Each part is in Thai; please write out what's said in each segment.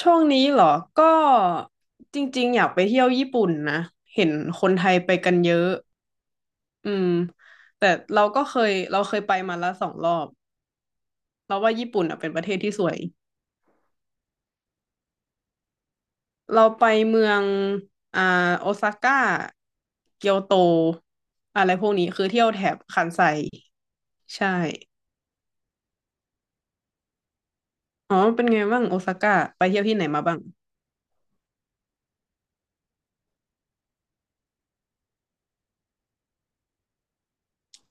ช่วงนี้เหรอ ก็จริงๆอยากไปเที่ยวญี่ปุ่นนะ เห็นคนไทยไปกันเยอะอืมแต่เราก็เคยเราเคยไปมาแล้วสองรอบเราว่าญี่ปุ่นอ่ะเป็นประเทศที่สวย เราไปเมืองอ่าโอซาก้าเกียวโตอะไรพวกนี้คือเที่ยวแถบคันไซใช่ อ๋อเป็นไงบ้างโอซาก้าไปเที่ยวที่ไหนมาบ้าง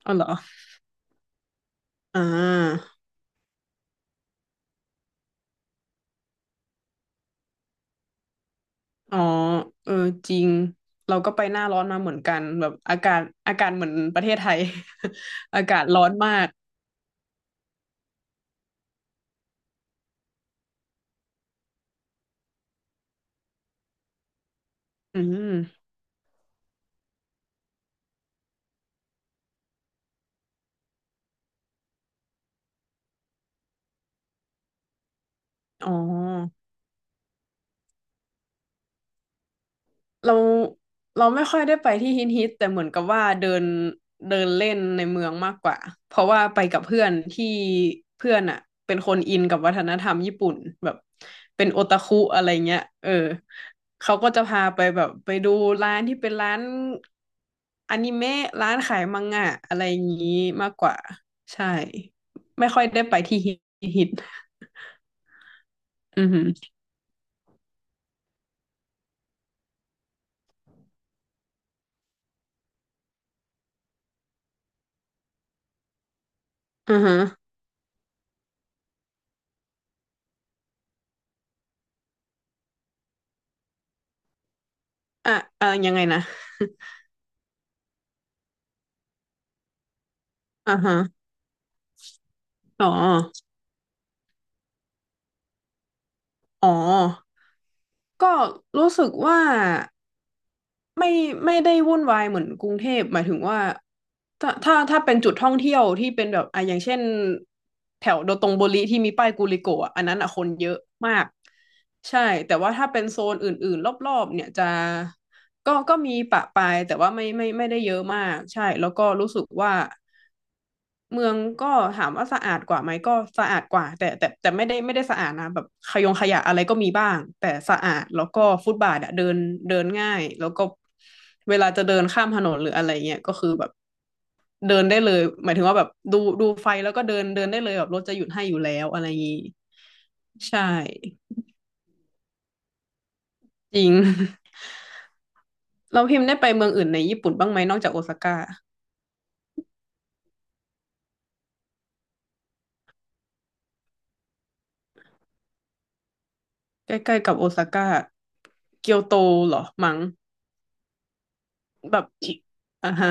อ๋อเหรออ่า อ๋อเออจริง เราก็ไปหน้าร้อนมาเหมือนกันแบบอากาศเหมือนประเทศไทย อากาศร้อนมากอืมอ๋อ เราเราไม่ค่อยได้ไปที่ฮิตฮิตแต่เหมือนกับว่าเดินเดินเล่นในเมืองมากกว่าเพราะว่าไปกับเพื่อนอ่ะเป็นคนอินกับวัฒนธรรมญี่ปุ่นแบบเป็นโอตาคุอะไรเงี้ยเออเขาก็จะพาไปแบบไปดูร้านอนิเมะร้านขายมังงะอะไรอย่างนี้มากกว่าใช่ไม่ค่อยได้ไปที่ฮิตฮิตอือฮึอือฮึอ่ะอ่ะยังไงนะอ่าฮะอ๋อ อ๋อก็รู้สึกว่าไม่ไม่ได้วุ่นวายเหมือนกรุงเทพหมายถึงว่าถ้าเป็นจุดท่องเที่ยวที่เป็นแบบอ่ะอย่างเช่นแถวโดตงโบริที่มีป้ายกูลิโกะอะอันนั้นอ่ะคนเยอะมากใช่แต่ว่าถ้าเป็นโซนอื่นๆรอบๆเนี่ยจะก็มีปะปายแต่ว่าไม่ได้เยอะมากใช่แล้วก็รู้สึกว่า เมืองก็ถามว่าสะอาดกว่าไหมก็สะอาดกว่าแต่ไม่ได้สะอาดนะแบบขยงขยะอะไรก็มีบ้างแต่สะอาดแล้วก็ฟุตบาทอะเดินเดินง่ายแล้วก็เวลาจะเดินข้ามถนนหรืออะไรเงี้ยก็คือแบบเดินได้เลยหมายถึงว่าแบบดูไฟแล้วก็เดินเดินได้เลยแบบรถจะหยุดให้อยู่แล้วอะไรอย่างงี้ใช่จริง เราพิมพ์ได้ไปเมืองอื่นในญี่ปุ่นบ้างไหมนอกจากโอซาก้าใกล้ๆกับโอซาก้าเกียวโตเหรอมั้งแบบอ่ะฮะ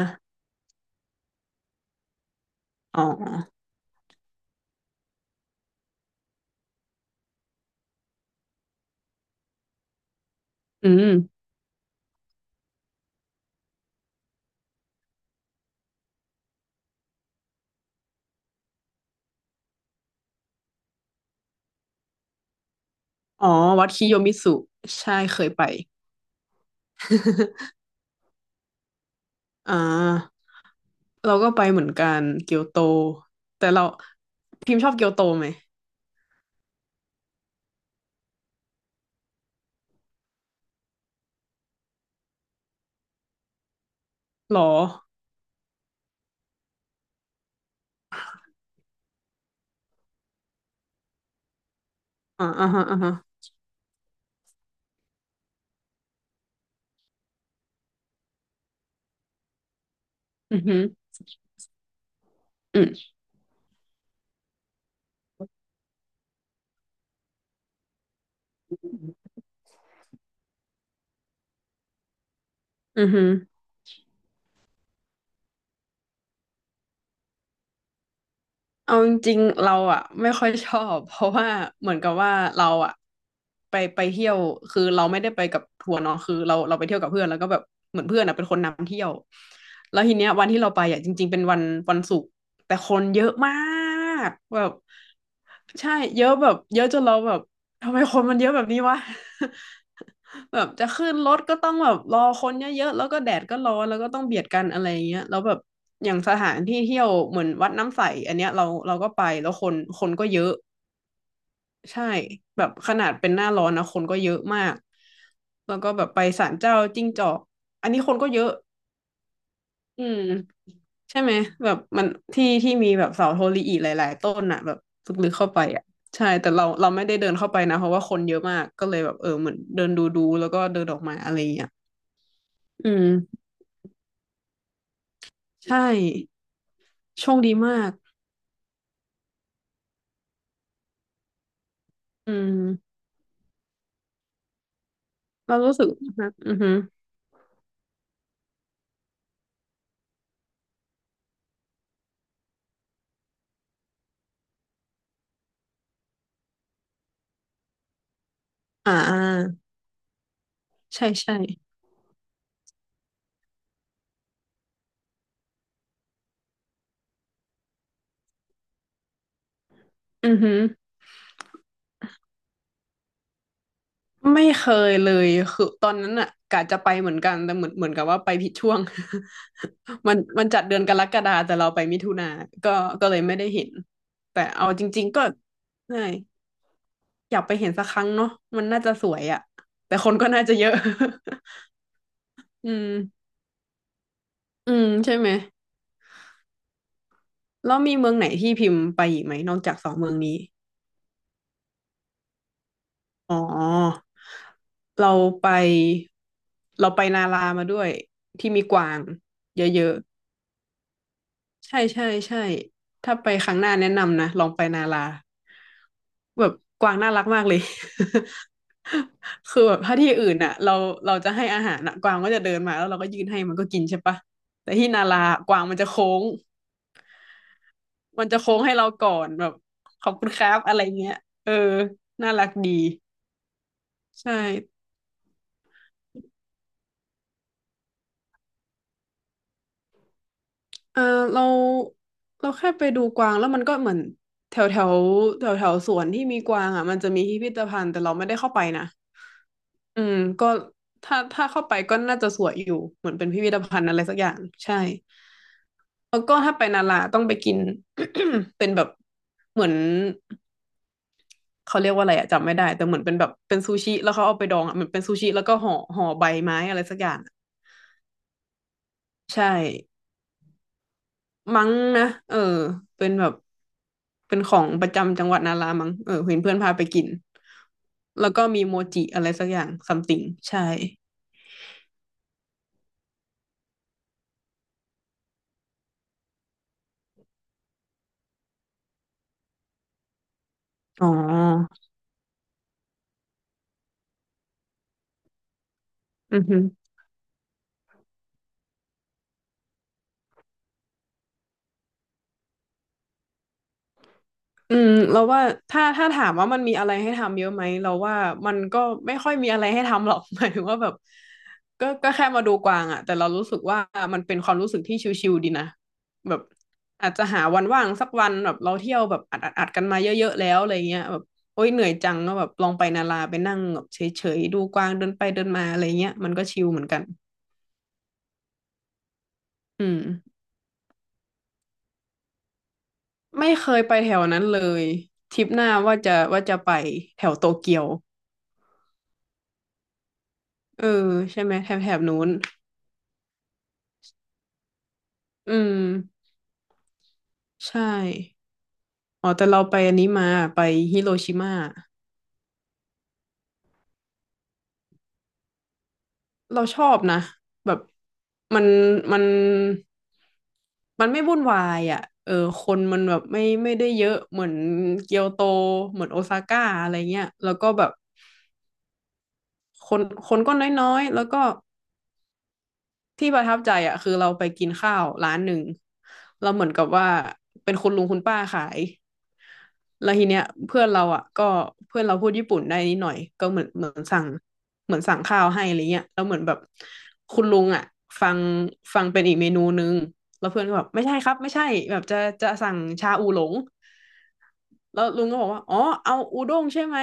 อ๋อ อืมอ๋อวัดคิโยมิสุใช่เคยไป อ่าเราก็ไปเหมือนกันเกียวโตแต่เราพิมพ์ชอบเกียวโตไหมหรออ่าอ่าฮะอ่าฮะอือหือืมอือหเอาจริงๆเราอ่ะไม่ค่อยชอบ เพราะว่าเหมือนกับว่าเราอ่ะไปเที่ยวคือเราไม่ได้ไปกับทัวร์เนาะคือเราไปเที่ยวกับเพื่อนแล้วก็แบบเหมือนเพื่อนอ่ะเป็นคนนำเที่ยวแล้วทีเนี้ยวันที่เราไปอ่ะจริงๆเป็นวันศุกร์แต่คนเยอะมากแบบ ใช่เยอะแบบเยอะจนเราแบบทำไมคนมันเยอะแบบนี้วะ แบบจะขึ้นรถก็ต้องแบบรอคนเยอะๆแล้วก็แดดก็ร้อนแล้วก็ต้องเบียดกันอะไรอย่างเงี้ยแล้วแบบอย่างสถานที่เที่ยวเหมือนวัดน้ำใสอันเนี้ยเราก็ไปแล้วคนก็เยอะใช่แบบขนาดเป็นหน้าร้อนนะคนก็เยอะมากแล้วก็แบบไปศาลเจ้าจิ้งจอกอันนี้คนก็เยอะอืม ใช่ไหมแบบมันที่ที่มีแบบเสาโทริอิหลายๆต้นอ่ะแบบลึกๆเข้าไปอ่ะใช่แต่เราไม่ได้เดินเข้าไปนะเพราะว่าคนเยอะมากก็เลยแบบเออเหมือนเดินดูแล้วก็เดินออกมาอะไรอย่างเงี้ยอืมใช่โชคดีมากอืมเรารู้สึกนะอือฮึอ่าใช่ใช่อือฮึ ไม่เคยเลยคือตอนนั้นอ่ะกะจะไปเหมือนกันแต่เหมือนกับว่าไปผิดช่วง มันจัดเดือนกรกฎาแต่เราไปมิถุนาก็ก็เลยไม่ได้เห็นแต่เอาจริงๆก็เน่อยากไปเห็นสักครั้งเนาะมันน่าจะสวยอ่ะแต่คนก็น่าจะเยอะ อืมอืมใช่ไหมแล้วมีเมืองไหนที่พิมพ์ไปอีกไหมนอกจากสองเมืองนี้อ๋อเราไปเราไปนารามาด้วยที่มีกวางเยอะ ใช่ใช่ใช่ถ้าไปครั้งหน้าแนะนำนะลองไปนาราแบบกวางน่ารักมากเลย คือแบบถ้าที่อื่นอ่ะเราจะให้อาหารอะกวางก็จะเดินมาแล้วเราก็ยื่นให้มันก็กินใช่ปะแต่ที่นารากวางมันจะโค้งมันจะโค้งให้เราก่อนแบบขอบคุณครับอะไรเงี้ยเออน่ารักดีใช่ เออเราเราแค่ไปดูกวางแล้วมันก็เหมือนแถวแถวแถวแถวสวนที่มีกวางอ่ะมันจะมีพิพิธภัณฑ์แต่เราไม่ได้เข้าไปนะอืมก็ถ้าเข้าไปก็น่าจะสวยอยู่เหมือนเป็นพิพิธภัณฑ์อะไรสักอย่างใช่แล้วก็ถ้าไปนาราต้องไปกิน เป็นแบบเหมือนเขาเรียกว่าอะไรอะจำไม่ได้แต่เหมือนเป็นแบบเป็นซูชิแล้วเขาเอาไปดองอะเหมือนเป็นซูชิแล้วก็ห่อใบไม้อะไรสักอย่างอะใช่ มั้งนะเออเป็นแบบเป็นของประจำจังหวัดนารามั้งเออเห็นเพื่อนพาไปกิน แล้วก็มีโมจิอะไรสักอย่างซัมติง ใช่อ๋ออือฮึ อืมเราว่าถ้าถามว่ามันมีอะไรให้ทำเยอะไหมเราว่ามันก็ไม่ค่อยมีอะไรให้ทำหรอก หมายถึงว่าแบบก็แค่มาดูกวางอะแต่เรารู้สึกว่ามันเป็นความรู้สึกที่ชิลๆดีนะแบบอาจจะหาวันว่างสักวันแบบเราเที่ยวแบบอัดกันมาเยอะๆแล้วอะไรเงี้ยแบบโอ๊ยเหนื่อยจังก็แบบลองไปนาราไปนั่งแบบเฉยๆดูกวางเดินไปเดินมาอะไรเงี้ยมันก็ชิลเหมือนกันอืมไม่เคยไปแถวนั้นเลยทริปหน้าว่าจะไปแถวโตเกียว เออใช่ไหมแถบนู้นอืมใช่อ๋อแต่เราไปอันนี้มาไปฮิโรชิมาเราชอบนะแบบมันมันมันไม่วุ่นวายอ่ะเออคนมันแบบไม่ได้เยอะเหมือนเกียวโตเหมือนโอซาก้าอะไรเงี้ยแล้วก็แบบคนคนก็น้อยๆแล้วก็ ที่ประทับใจอ่ะคือเราไปกินข้าวร้านหนึ่งเราเหมือนกับว่าเป็นคุณลุงคุณป้าขายแล้วทีเนี้ยเพื่อนเราอ่ะก็เพื่อนเราพูดญี่ปุ่นได้นิดหน่อยก็เหมือนสั่งเหมือนสั่งข้าวให้อะไรเงี้ยแล้วเหมือนแบบคุณลุงอ่ะฟังฟังเป็นอีกเมนูนึงแล้วเพื่อนก็แบบไม่ใช่ครับไม่ใช่แบบจะสั่งชาอูหลง แล้วลุงก็บอกว่าอ๋อเอาอูด้งใช่ไหม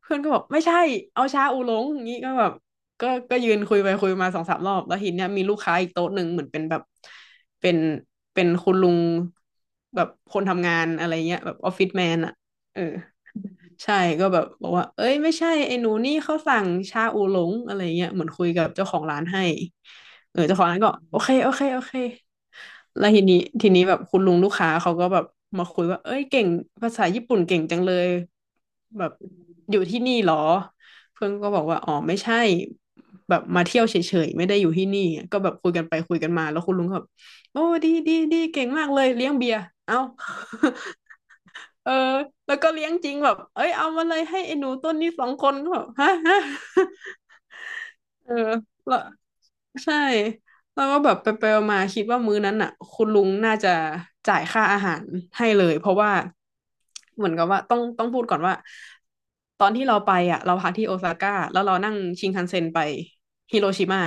เพื่อนก็บอกไม่ใช่ เอาชาอูหลงอย่างนี้ก็แบบก็ยืนคุยไปคุยมาสองสามรอบ แล้วทีเนี้ยมีลูกค้าอีกโต๊ะหนึ่งเหมือนเป็นแบบ เป็น เป็นคุณลุงแบบคนทำงานอะไรเงี้ยแบบออฟฟิศแมนอะเออ ใช่ก็แบบบอกว่าเอ้ยไม่ใช่ไอ้หนูนี่เขาสั่งชาอูหลงอะไรเงี้ยเหมือนคุยกับเจ้าของร้านให้เออเจ้าของร้านก็โอเคโอเคโอเคแล้วทีนี้แบบคุณลุงลูกค้าเขาก็แบบมาคุยว่าเอ้ยเก่งภาษาญี่ปุ่นเก่งจังเลยแบบอยู่ที่นี่เหรอเพื่อนก็บอกว่าอ๋อไม่ใช่แบบมาเที่ยวเฉยๆไม่ได้อยู่ที่นี่ก็แบบคุยกันไปคุยกันมาแล้วคุณลุงก็แบบโอ้ดีดีดีเก่งมากเลยเลี้ยงเบียร์เอ้า เออแล้วก็เลี้ยงจริงแบบเอ้ยเอามาเลยให้ไอ้หนูต้นนี้สองคนก็แบบฮะฮะ เออแล้วใช่แล้วก็แบบไปไปมาๆคิดว่ามื้อนั้นอ่ะคุณลุงน่าจะจ่ายค่าอาหารให้เลยเพราะว่าเหมือนกับว่าต้องพูดก่อนว่าตอนที่เราไปอ่ะเราพักที่โอซาก้าแล้วเรานั่งชินคันเซ็นไปฮิโรชิมา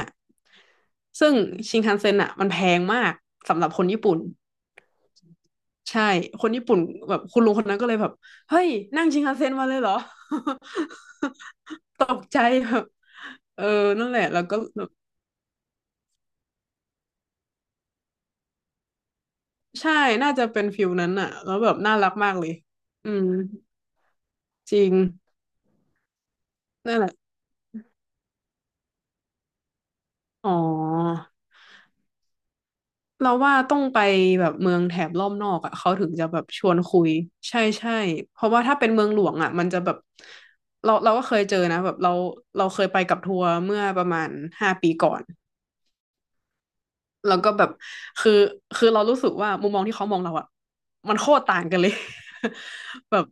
ซึ่งชินคันเซ็นอ่ะมันแพงมากสำหรับคนญี่ปุ่น ใช่ คนญี่ปุ่นแบบคุณลุงคนนั้นก็เลยแบบเฮ้ยนั่งชินคันเซ็นมาเลยเหรอ ตกใจแบบเออนั่นแหละแล้วก็ใช่น่าจะเป็นฟิลนั้นอะแล้วแบบน่ารักมากเลยอืมจริงนั่นแหละอ๋อเราว่าต้องไปแบบเมืองแถบรอบนอกอะเขาถึงจะแบบชวนคุยใช่ใช่เพราะว่าถ้าเป็นเมืองหลวงอะมันจะแบบเราก็เคยเจอนะแบบเราเราเคยไปกับทัวร์เมื่อประมาณ5 ปีก่อน แล้วก็แบบคือคือเรารู้สึกว่ามุมมองที่เขามองเราอะมันโคตรต่างกันเลย แบบ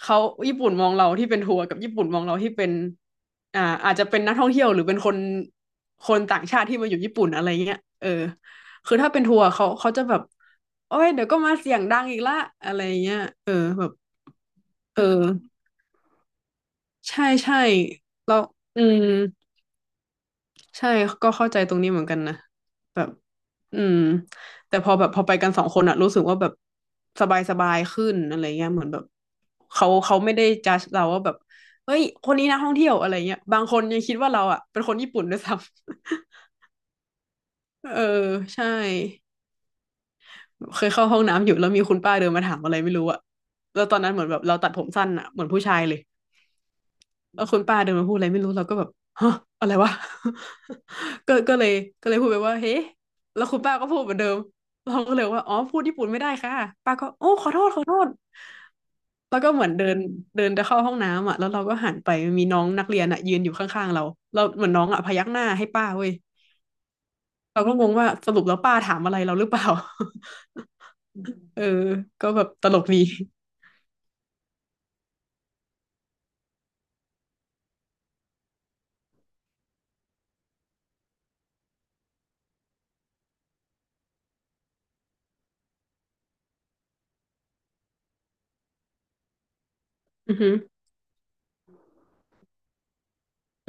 เขาญี่ปุ่นมองเราที่เป็นทัวร์กับญี่ปุ่นมองเราที่เป็นอ่าอาจจะเป็นนักท่องเที่ยวหรือเป็นคนต่างชาติที่มาอยู่ญี่ปุ่นอะไรเงี้ยเออคือถ้าเป็นทัวร์เขาจะแบบโอ้ยเดี๋ยวก็มาเสียงดังอีกละอะไรเงี้ยเออแบบเออใช่ใช่เราอืม ใช่ก็เข้าใจตรงนี้เหมือนกันนะแบบอืมแต่พอแบบพอไปกันสองคนอะรู้สึกว่าแบบสบายขึ้นอะไรเงี้ยเหมือนแบบเขาไม่ได้จัดเราว่าแบบเฮ้ยคนนี้นะท่องเที่ยวอะไรเงี้ยบางคนยังคิดว่าเราอะเป็นคนญี่ปุ่นด้วยซ้ำ เออใช่เคยเข้าห้องน้ำอยู่แล้วมีคุณป้าเดินมาถามอะไรไม่รู้อะแล้วตอนนั้นเหมือนแบบเราตัดผมสั้นอะเหมือนผู้ชายเลย เออคุณป้าเดินมาพูดอะไรไม่รู้เราก็แบบฮะอะไรวะ ก็เลยก็เลยพูดไปว่าเฮ้แล้วคุณป้าก็พูดเหมือนเดิมเราก็เลยว่าอ๋อพูดญี่ปุ่นไม่ได้ค่ะป้าก็โอ้ขอโทษขอโทษแล้วก็เหมือนเดินเดินจะเข้าห้องน้ำอ่ะแล้วเราก็หันไปมีน้องนักเรียนอ่ะยืนอยู่ข้างๆเราเราเหมือนน้องอ่ะพยักหน้าให้ป้าเว้ยเราก็งงว่าสรุปแล้วป้าถามอะไรเราหรือเปล่า เออก็แบบตลกดีอือหือ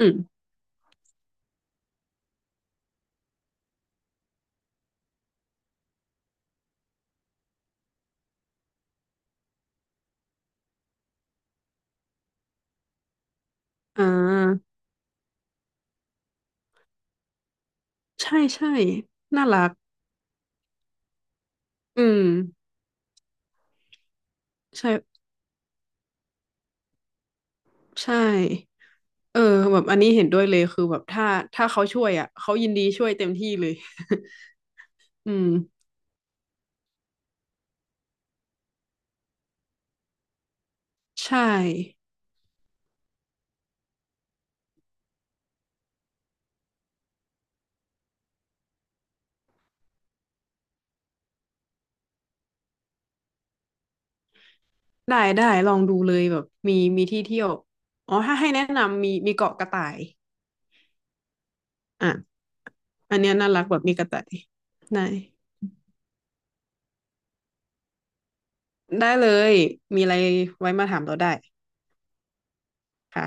อืมอ่าใช่ใช่น่ารักอืมใช่ใช่ เออแบบอันนี้เห็นด้วยเลยคือแบบถ้าเขาช่วยอ่ะเขายินดีช่วยเต็มที่เลย อืมใช่ได้ได้ลองดูเลยแบบมีที่เที่ยวอ๋อถ้าให้แนะนำมีเกาะกระต่ายอ่ะอันเนี้ยน่ารักแบบมีกระต่ายได้ได้เลยมีอะไรไว้มาถามเราได้ค่ะ